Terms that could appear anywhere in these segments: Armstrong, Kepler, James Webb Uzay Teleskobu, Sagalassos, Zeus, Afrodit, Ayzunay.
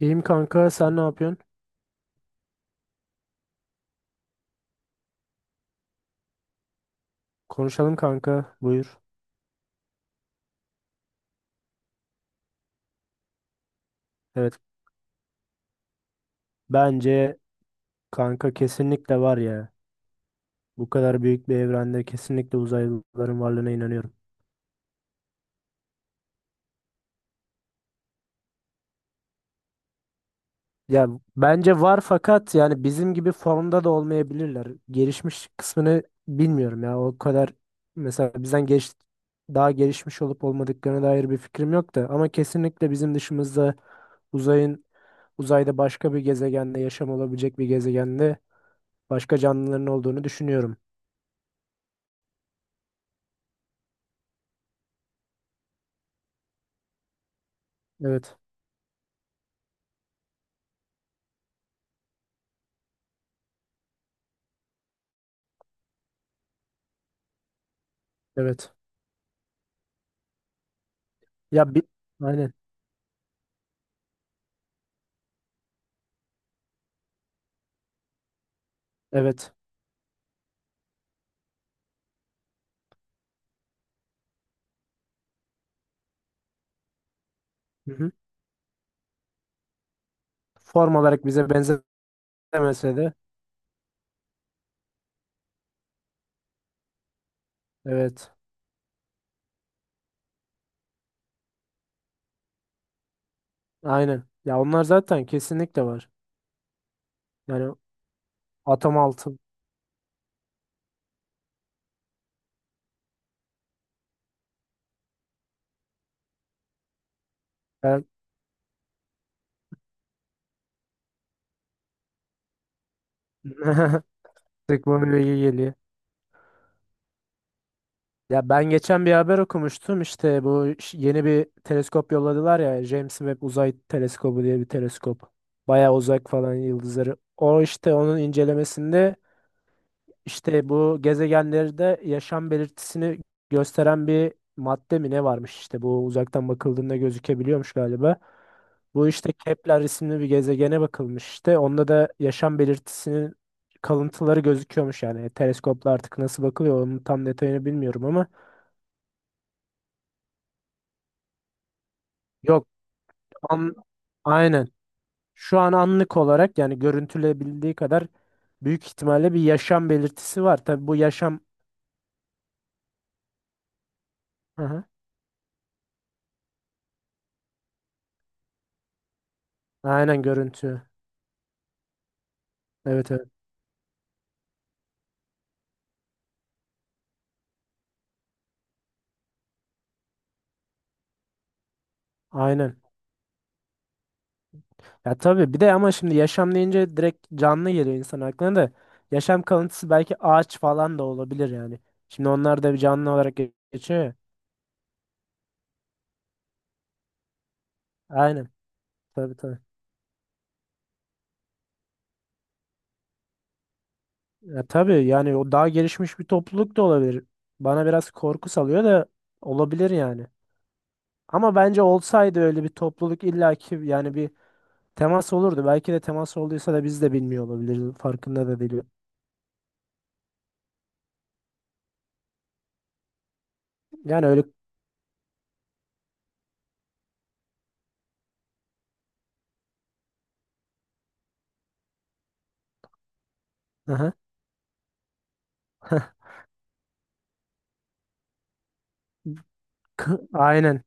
İyiyim kanka, sen ne yapıyorsun? Konuşalım kanka, buyur. Evet, bence kanka kesinlikle var ya. Bu kadar büyük bir evrende kesinlikle uzaylıların varlığına inanıyorum. Ya bence var fakat yani bizim gibi formda da olmayabilirler. Gelişmiş kısmını bilmiyorum ya. O kadar mesela bizden geç daha gelişmiş olup olmadıklarına dair bir fikrim yok da ama kesinlikle bizim dışımızda uzayın uzayda başka bir gezegende yaşam olabilecek bir gezegende başka canlıların olduğunu düşünüyorum. Evet. Evet. Ya bir aynen. Evet. Hı-hı. Form olarak bize benzemese de evet. Aynen. Ya onlar zaten kesinlikle var. Yani atom altı. Ben... Teknoloji bilgi geliyor. Ya ben geçen bir haber okumuştum işte bu yeni bir teleskop yolladılar ya James Webb Uzay Teleskobu diye bir teleskop. Bayağı uzak falan yıldızları. O işte onun incelemesinde İşte bu gezegenlerde yaşam belirtisini gösteren bir madde mi ne varmış işte bu uzaktan bakıldığında gözükebiliyormuş galiba. Bu işte Kepler isimli bir gezegene bakılmış işte. Onda da yaşam belirtisinin kalıntıları gözüküyormuş yani. Teleskopla artık nasıl bakılıyor onun tam detayını bilmiyorum ama yok an, aynen. Şu an anlık olarak yani görüntülebildiği kadar büyük ihtimalle bir yaşam belirtisi var. Tabii bu yaşam hı hı. Aynen görüntü. Evet evet. Aynen. Ya tabii bir de ama şimdi yaşam deyince direkt canlı geliyor insan aklına da. Yaşam kalıntısı belki ağaç falan da olabilir yani. Şimdi onlar da bir canlı olarak geçiyor ya. Aynen. Tabii tabii. Ya tabii yani o daha gelişmiş bir topluluk da olabilir. Bana biraz korku salıyor da olabilir yani. Ama bence olsaydı öyle bir topluluk illaki yani bir temas olurdu. Belki de temas olduysa da biz de bilmiyor olabiliriz. Farkında da değilim. Yani öyle. Aha. Aynen.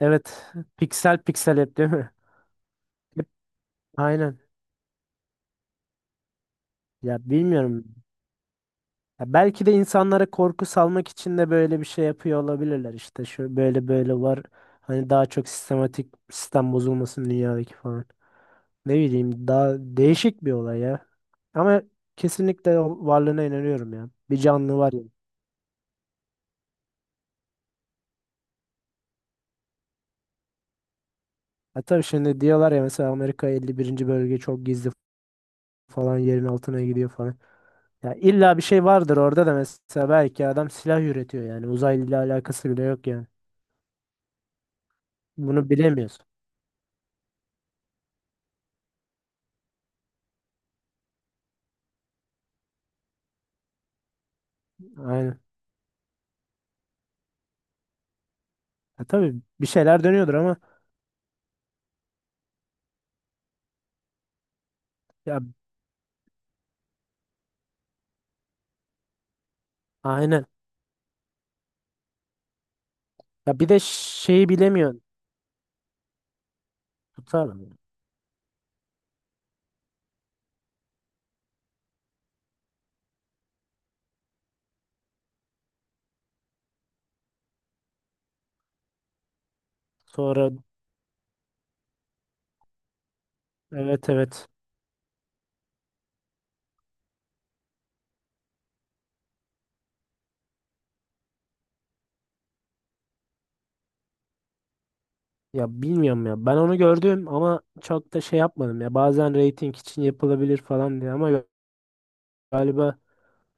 Evet. Piksel piksel hep değil mi? Aynen. Ya bilmiyorum. Ya belki de insanlara korku salmak için de böyle bir şey yapıyor olabilirler. İşte şu böyle böyle var. Hani daha çok sistematik sistem bozulmasın dünyadaki falan. Ne bileyim daha değişik bir olay ya. Ama kesinlikle o varlığına inanıyorum ya. Bir canlı var ya. Ha tabii şimdi diyorlar ya mesela Amerika 51. bölge çok gizli falan yerin altına gidiyor falan. Ya illa bir şey vardır orada da mesela belki adam silah üretiyor yani uzayla alakası bile yok yani. Bunu bilemiyorsun. Aynen. Ya tabii bir şeyler dönüyordur ama ya aynen. Ya bir de şeyi bilemiyorsun. Tutar mı? Sonra evet evet. Ya bilmiyorum ya. Ben onu gördüm ama çok da şey yapmadım ya. Bazen reyting için yapılabilir falan diye ama galiba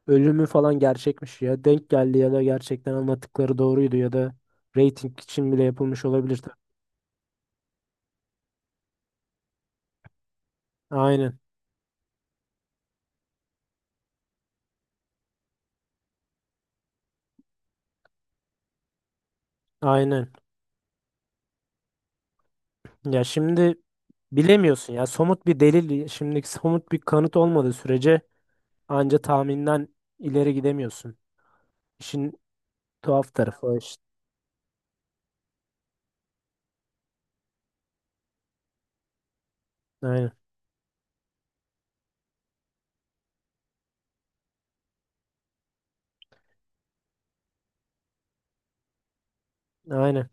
ölümü falan gerçekmiş ya. Denk geldi ya da gerçekten anlattıkları doğruydu ya da reyting için bile yapılmış olabilir. Tabii. Aynen. Aynen. Ya şimdi bilemiyorsun ya. Somut bir delil, şimdi somut bir kanıt olmadığı sürece anca tahminden ileri gidemiyorsun. İşin tuhaf tarafı o işte. Aynen. Aynen.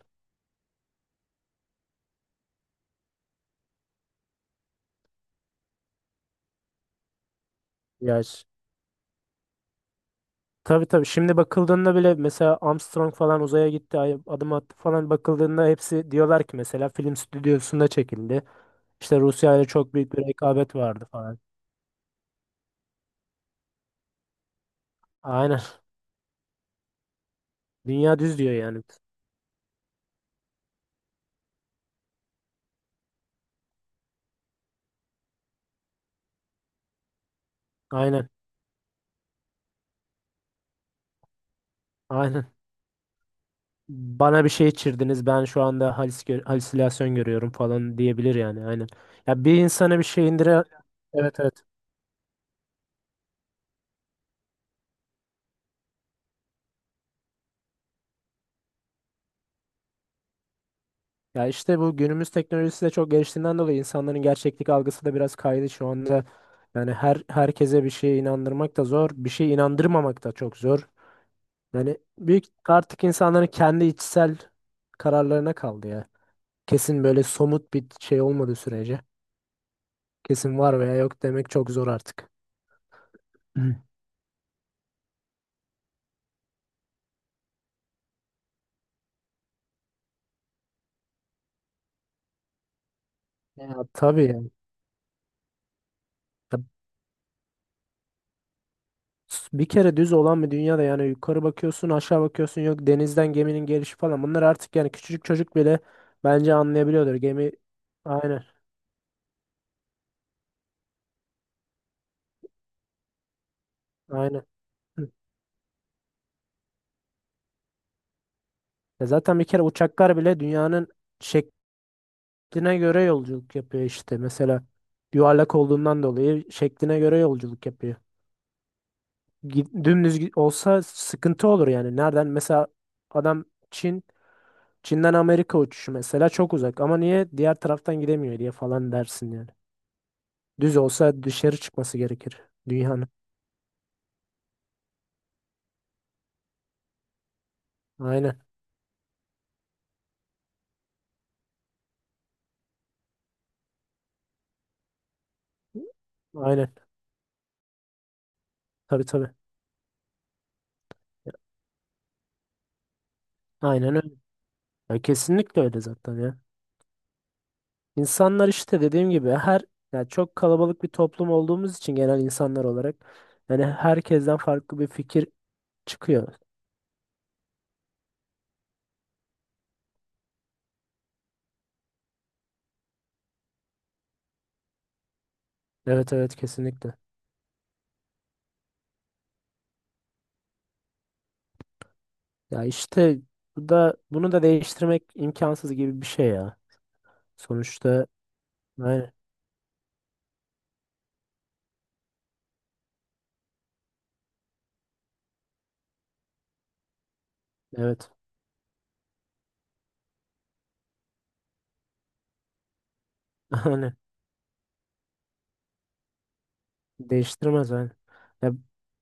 Ya ş- tabii tabii. Şimdi bakıldığında bile mesela Armstrong falan uzaya gitti, adım attı falan bakıldığında hepsi diyorlar ki mesela film stüdyosunda çekildi. İşte Rusya ile çok büyük bir rekabet vardı falan. Aynen. Dünya düz diyor yani. Aynen. Aynen. Bana bir şey içirdiniz. Ben şu anda halis halüsinasyon görüyorum falan diyebilir yani. Aynen. Ya bir insana bir şey indire evet evet. Ya işte bu günümüz teknolojisi de çok geliştiğinden dolayı insanların gerçeklik algısı da biraz kaydı şu anda. Yani herkese bir şeye inandırmak da zor, bir şeye inandırmamak da çok zor. Yani büyük artık insanların kendi içsel kararlarına kaldı ya. Kesin böyle somut bir şey olmadığı sürece kesin var veya yok demek çok zor artık. Hı. Ya tabii yani. Bir kere düz olan bir dünyada yani yukarı bakıyorsun aşağı bakıyorsun yok denizden geminin gelişi falan bunlar artık yani küçücük çocuk bile bence anlayabiliyordur gemi aynen aynen hı. Ya zaten bir kere uçaklar bile dünyanın şekline göre yolculuk yapıyor işte mesela yuvarlak olduğundan dolayı şekline göre yolculuk yapıyor. Olsa sıkıntı olur yani nereden mesela adam Çin Çin'den Amerika uçuşu mesela çok uzak ama niye diğer taraftan gidemiyor diye falan dersin yani. Düz olsa dışarı çıkması gerekir dünyanın. Aynen. Aynen. Tabii tabii. Aynen öyle. Ya kesinlikle öyle zaten ya. İnsanlar işte dediğim gibi her yani çok kalabalık bir toplum olduğumuz için genel insanlar olarak yani herkesten farklı bir fikir çıkıyor. Evet evet kesinlikle. Ya işte bu da bunu da değiştirmek imkansız gibi bir şey ya. Sonuçta aynen evet. Aynen. Değiştirmez yani. Ya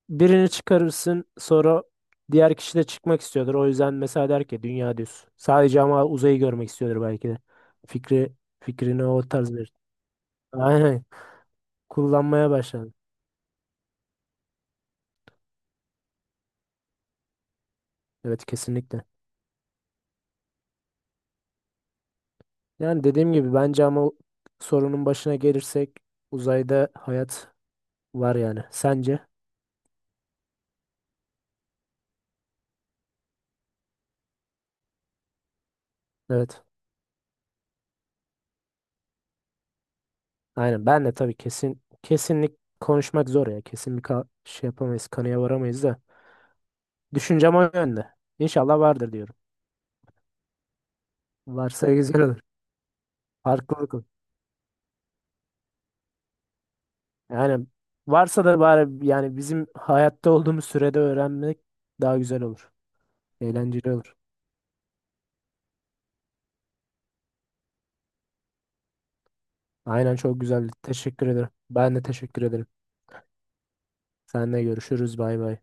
birini çıkarırsın sonra diğer kişi de çıkmak istiyordur. O yüzden mesela der ki dünya düz. Sadece ama uzayı görmek istiyordur belki de. Fikri fikrini o tarz bir. Aynen. Kullanmaya başladı. Evet kesinlikle. Yani dediğim gibi bence ama o sorunun başına gelirsek uzayda hayat var yani. Sence? Evet. Aynen. Ben de tabii kesin kesinlik konuşmak zor ya. Kesin bir şey yapamayız, kanıya varamayız da. Düşüncem o yönde. İnşallah vardır diyorum. Varsa güzel olur. Farklılık olur. Yani varsa da bari yani bizim hayatta olduğumuz sürede öğrenmek daha güzel olur. Eğlenceli olur. Aynen çok güzeldi. Teşekkür ederim. Ben de teşekkür ederim. Seninle görüşürüz. Bay bay.